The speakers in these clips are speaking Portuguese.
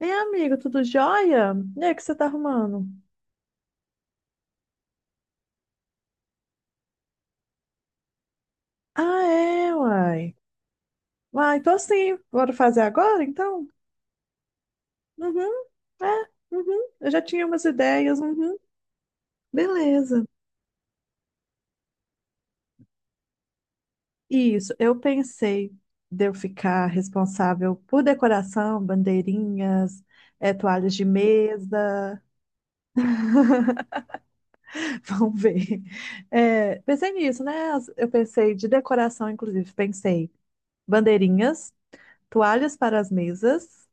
Ei, amigo, tudo jóia? E aí, o que você tá arrumando? Ah, é, uai. Uai, tô sim. Bora fazer agora, então? Uhum, é, uhum. Eu já tinha umas ideias, uhum. Beleza. Isso, eu pensei de eu ficar responsável por decoração, bandeirinhas, toalhas de mesa. Vamos ver. É, pensei nisso, né? As- Eu pensei de decoração, inclusive. Pensei bandeirinhas, toalhas para as mesas.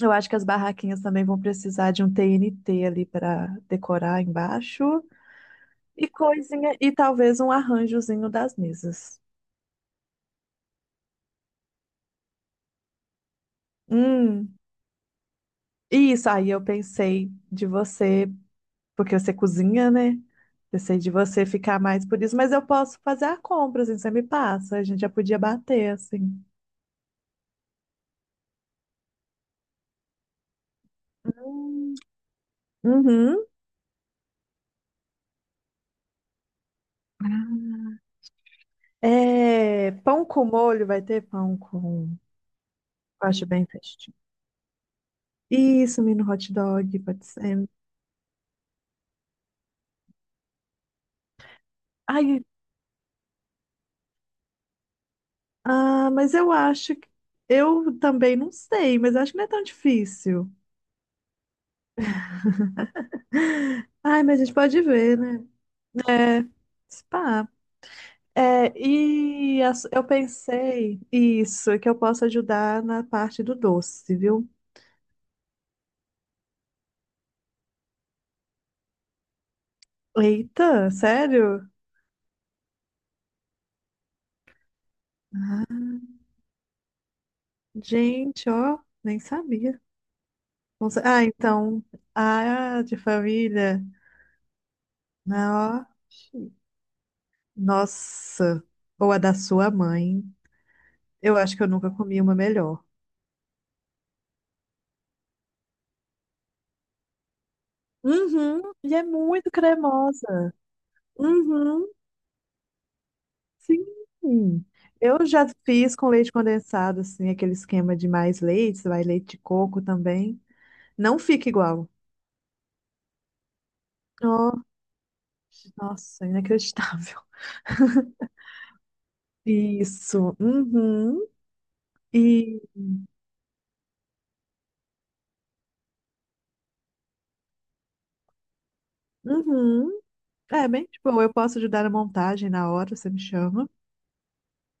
Eu acho que as barraquinhas também vão precisar de um TNT ali para decorar embaixo e coisinha e talvez um arranjozinho das mesas. Hum, isso aí eu pensei de você, porque você cozinha, né? Pensei de você ficar mais por isso, mas eu posso fazer a compra, assim, você me passa, a gente já podia bater, assim. Hum. Uhum. Ah, é, pão com molho, vai ter pão com. Eu acho bem festivo. Isso, mini hot dog, pode ser. Ai, ah, mas eu acho que. Eu também não sei, mas acho que não é tão difícil. Ai, mas a gente pode ver, né? É, spa. É, e as- eu pensei, isso, é que eu posso ajudar na parte do doce, viu? Eita, sério? Gente, ó, nem sabia. Não sa- Ah, então, a de família, não, ó, nossa, ou a da sua mãe. Eu acho que eu nunca comi uma melhor. Uhum, e é muito cremosa. Uhum, sim. Eu já fiz com leite condensado, assim, aquele esquema de mais leite, vai leite de coco também. Não fica igual. Oh, nossa, inacreditável. Isso. Uhum. E uhum. É bem, tipo, eu posso ajudar na montagem na hora, você me chama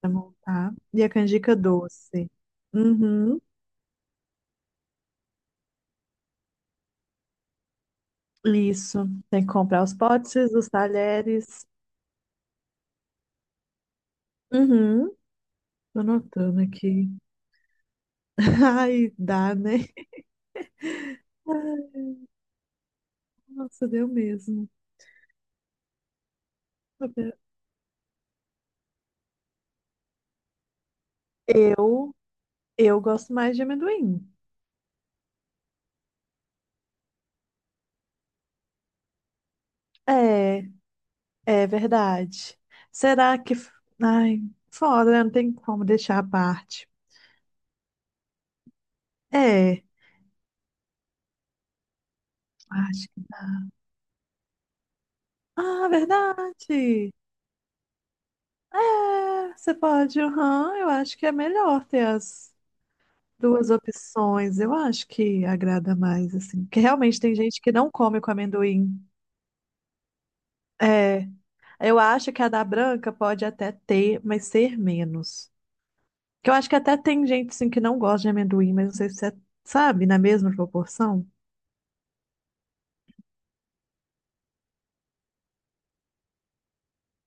pra montar. E a canjica doce. Uhum. Isso. Tem que comprar os potes, os talheres. Uhum. Tô anotando aqui. Ai, dá, né? Ai, nossa, deu mesmo. Eu, eu gosto mais de amendoim. É, é verdade. Será que. F- Ai, foda, né? Não tem como deixar à parte. É, acho que. Ah, verdade. É, você pode, aham, eu acho que é melhor ter as duas opções. Eu acho que agrada mais, assim. Porque realmente tem gente que não come com amendoim. É. Eu acho que a da branca pode até ter, mas ser menos. Que eu acho que até tem gente assim que não gosta de amendoim, mas não sei se é, sabe, na mesma proporção.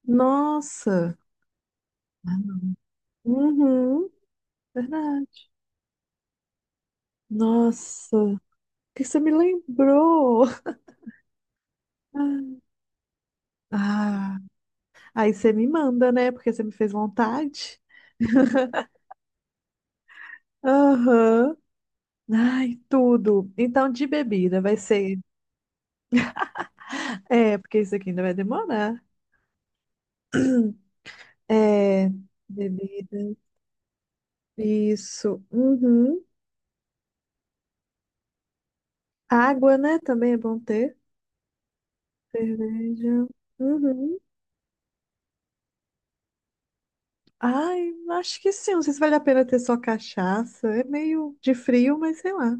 Nossa! Uhum, verdade. Nossa, o que você me lembrou? Ah, ah, aí você me manda, né? Porque você me fez vontade. Aham. Ai, tudo. Então, de bebida vai ser. É, porque isso aqui ainda vai demorar. É, bebida. Isso. Uhum. Água, né? Também é bom ter. Cerveja. Uhum. Ai, acho que sim. Não sei se vale a pena ter só cachaça. É meio de frio, mas sei lá.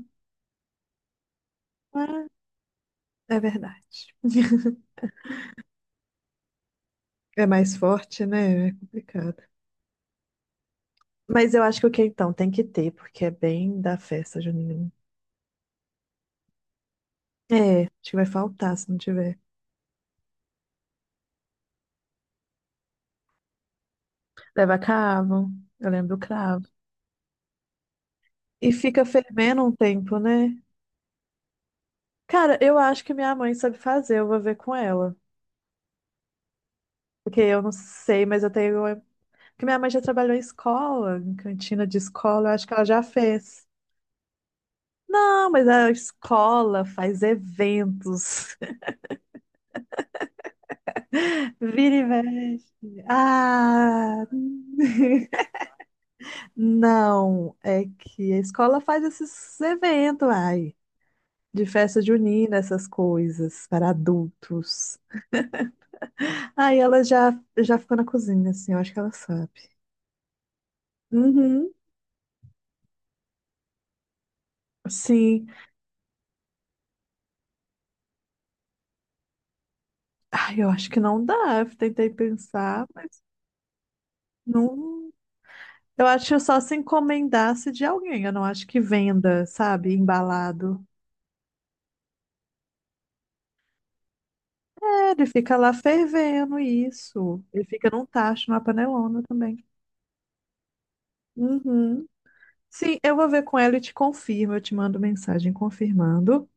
Ah, é verdade. É mais forte, né? É complicado. Mas eu acho que o quentão tem que ter, porque é bem da festa junina. É, acho que vai faltar se não tiver. Leva cravo. Eu lembro do cravo. E fica fervendo um tempo, né? Cara, eu acho que minha mãe sabe fazer, eu vou ver com ela. Porque eu não sei, mas eu tenho. É, porque minha mãe já trabalhou em escola, em cantina de escola, eu acho que ela já fez. Não, mas a escola faz eventos. Vira e mexe. Ah! Não, é que a escola faz esses eventos, ai, de festa junina, essas coisas, para adultos. Aí ela já, já ficou na cozinha, assim, eu acho que ela sabe. Uhum. Sim. Ai, eu acho que não dá. Eu tentei pensar, mas não. Eu acho que é só se encomendasse de alguém. Eu não acho que venda, sabe? Embalado. É, ele fica lá fervendo isso. Ele fica num tacho, numa panelona também. Uhum. Sim, eu vou ver com ela e te confirmo. Eu te mando mensagem confirmando.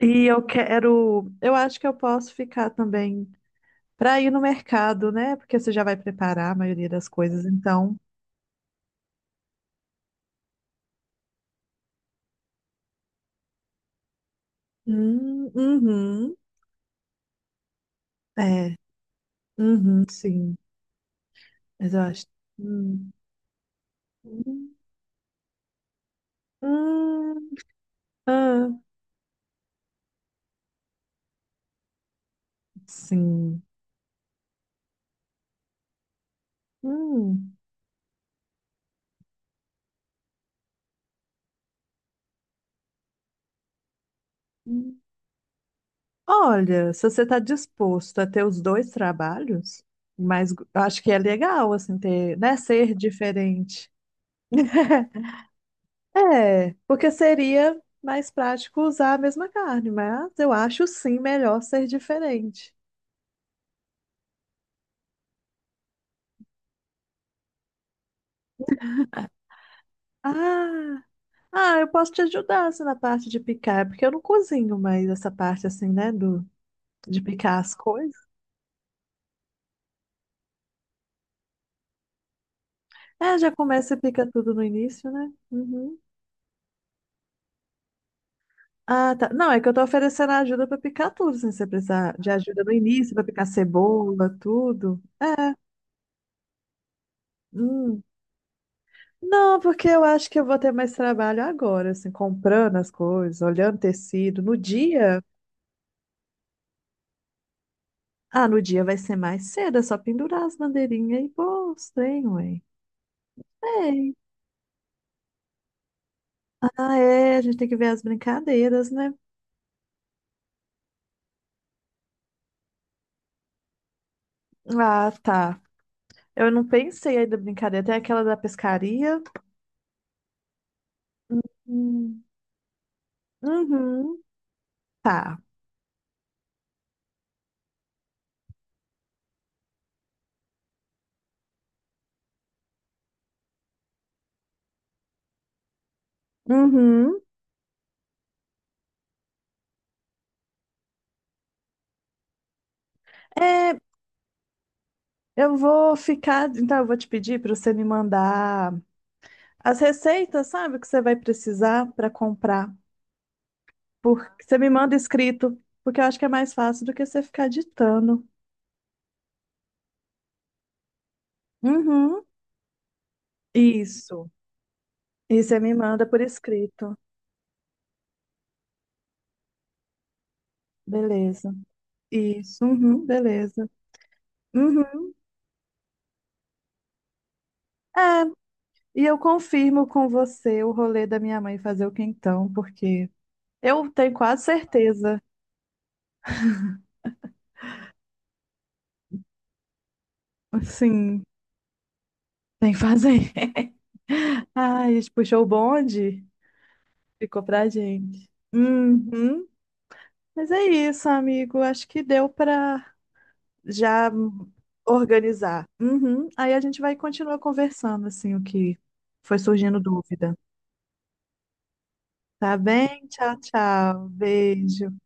E eu quero. Eu acho que eu posso ficar também para ir no mercado, né? Porque você já vai preparar a maioria das coisas, então. Uhum. É. Uhum, sim. Exausto. Hum. Hum. Hum. Ah, sim. Hum. Hum. Olha, se você está disposto a ter os dois trabalhos, mas eu acho que é legal, assim, ter, né, ser diferente. É, porque seria mais prático usar a mesma carne, mas eu acho sim melhor ser diferente. Ah, ah, eu posso te ajudar assim, na parte de picar, porque eu não cozinho mais essa parte assim, né, do, de picar as coisas. É, já começa e pica tudo no início, né? Uhum. Ah, tá. Não, é que eu tô oferecendo ajuda pra picar tudo, sem você precisar de ajuda no início, pra picar cebola, tudo. Hum. Não, porque eu acho que eu vou ter mais trabalho agora, assim, comprando as coisas, olhando tecido. No dia. Ah, no dia vai ser mais cedo, é só pendurar as bandeirinhas e pô, os trem, ué. Sei. Ah, é, a gente tem que ver as brincadeiras, né? Ah, tá. Eu não pensei aí da brincadeira. Tem aquela da pescaria. Hum. Uhum, tá. Uhum. É, eu vou ficar. Então, eu vou te pedir para você me mandar as receitas, sabe, que você vai precisar para comprar. Porque você me manda escrito, porque eu acho que é mais fácil do que você ficar ditando. Uhum. Isso. E você me manda por escrito. Beleza. Isso. Uhum, beleza. Uhum. É, e eu confirmo com você o rolê da minha mãe fazer o quentão, porque eu tenho quase certeza. Sim. Tem que fazer. Ai, a gente puxou o bonde, ficou pra gente. Uhum. Mas é isso, amigo. Acho que deu pra já organizar. Uhum. Aí a gente vai continuar conversando, assim, o que foi surgindo dúvida. Tá bem? Tchau, tchau. Beijo.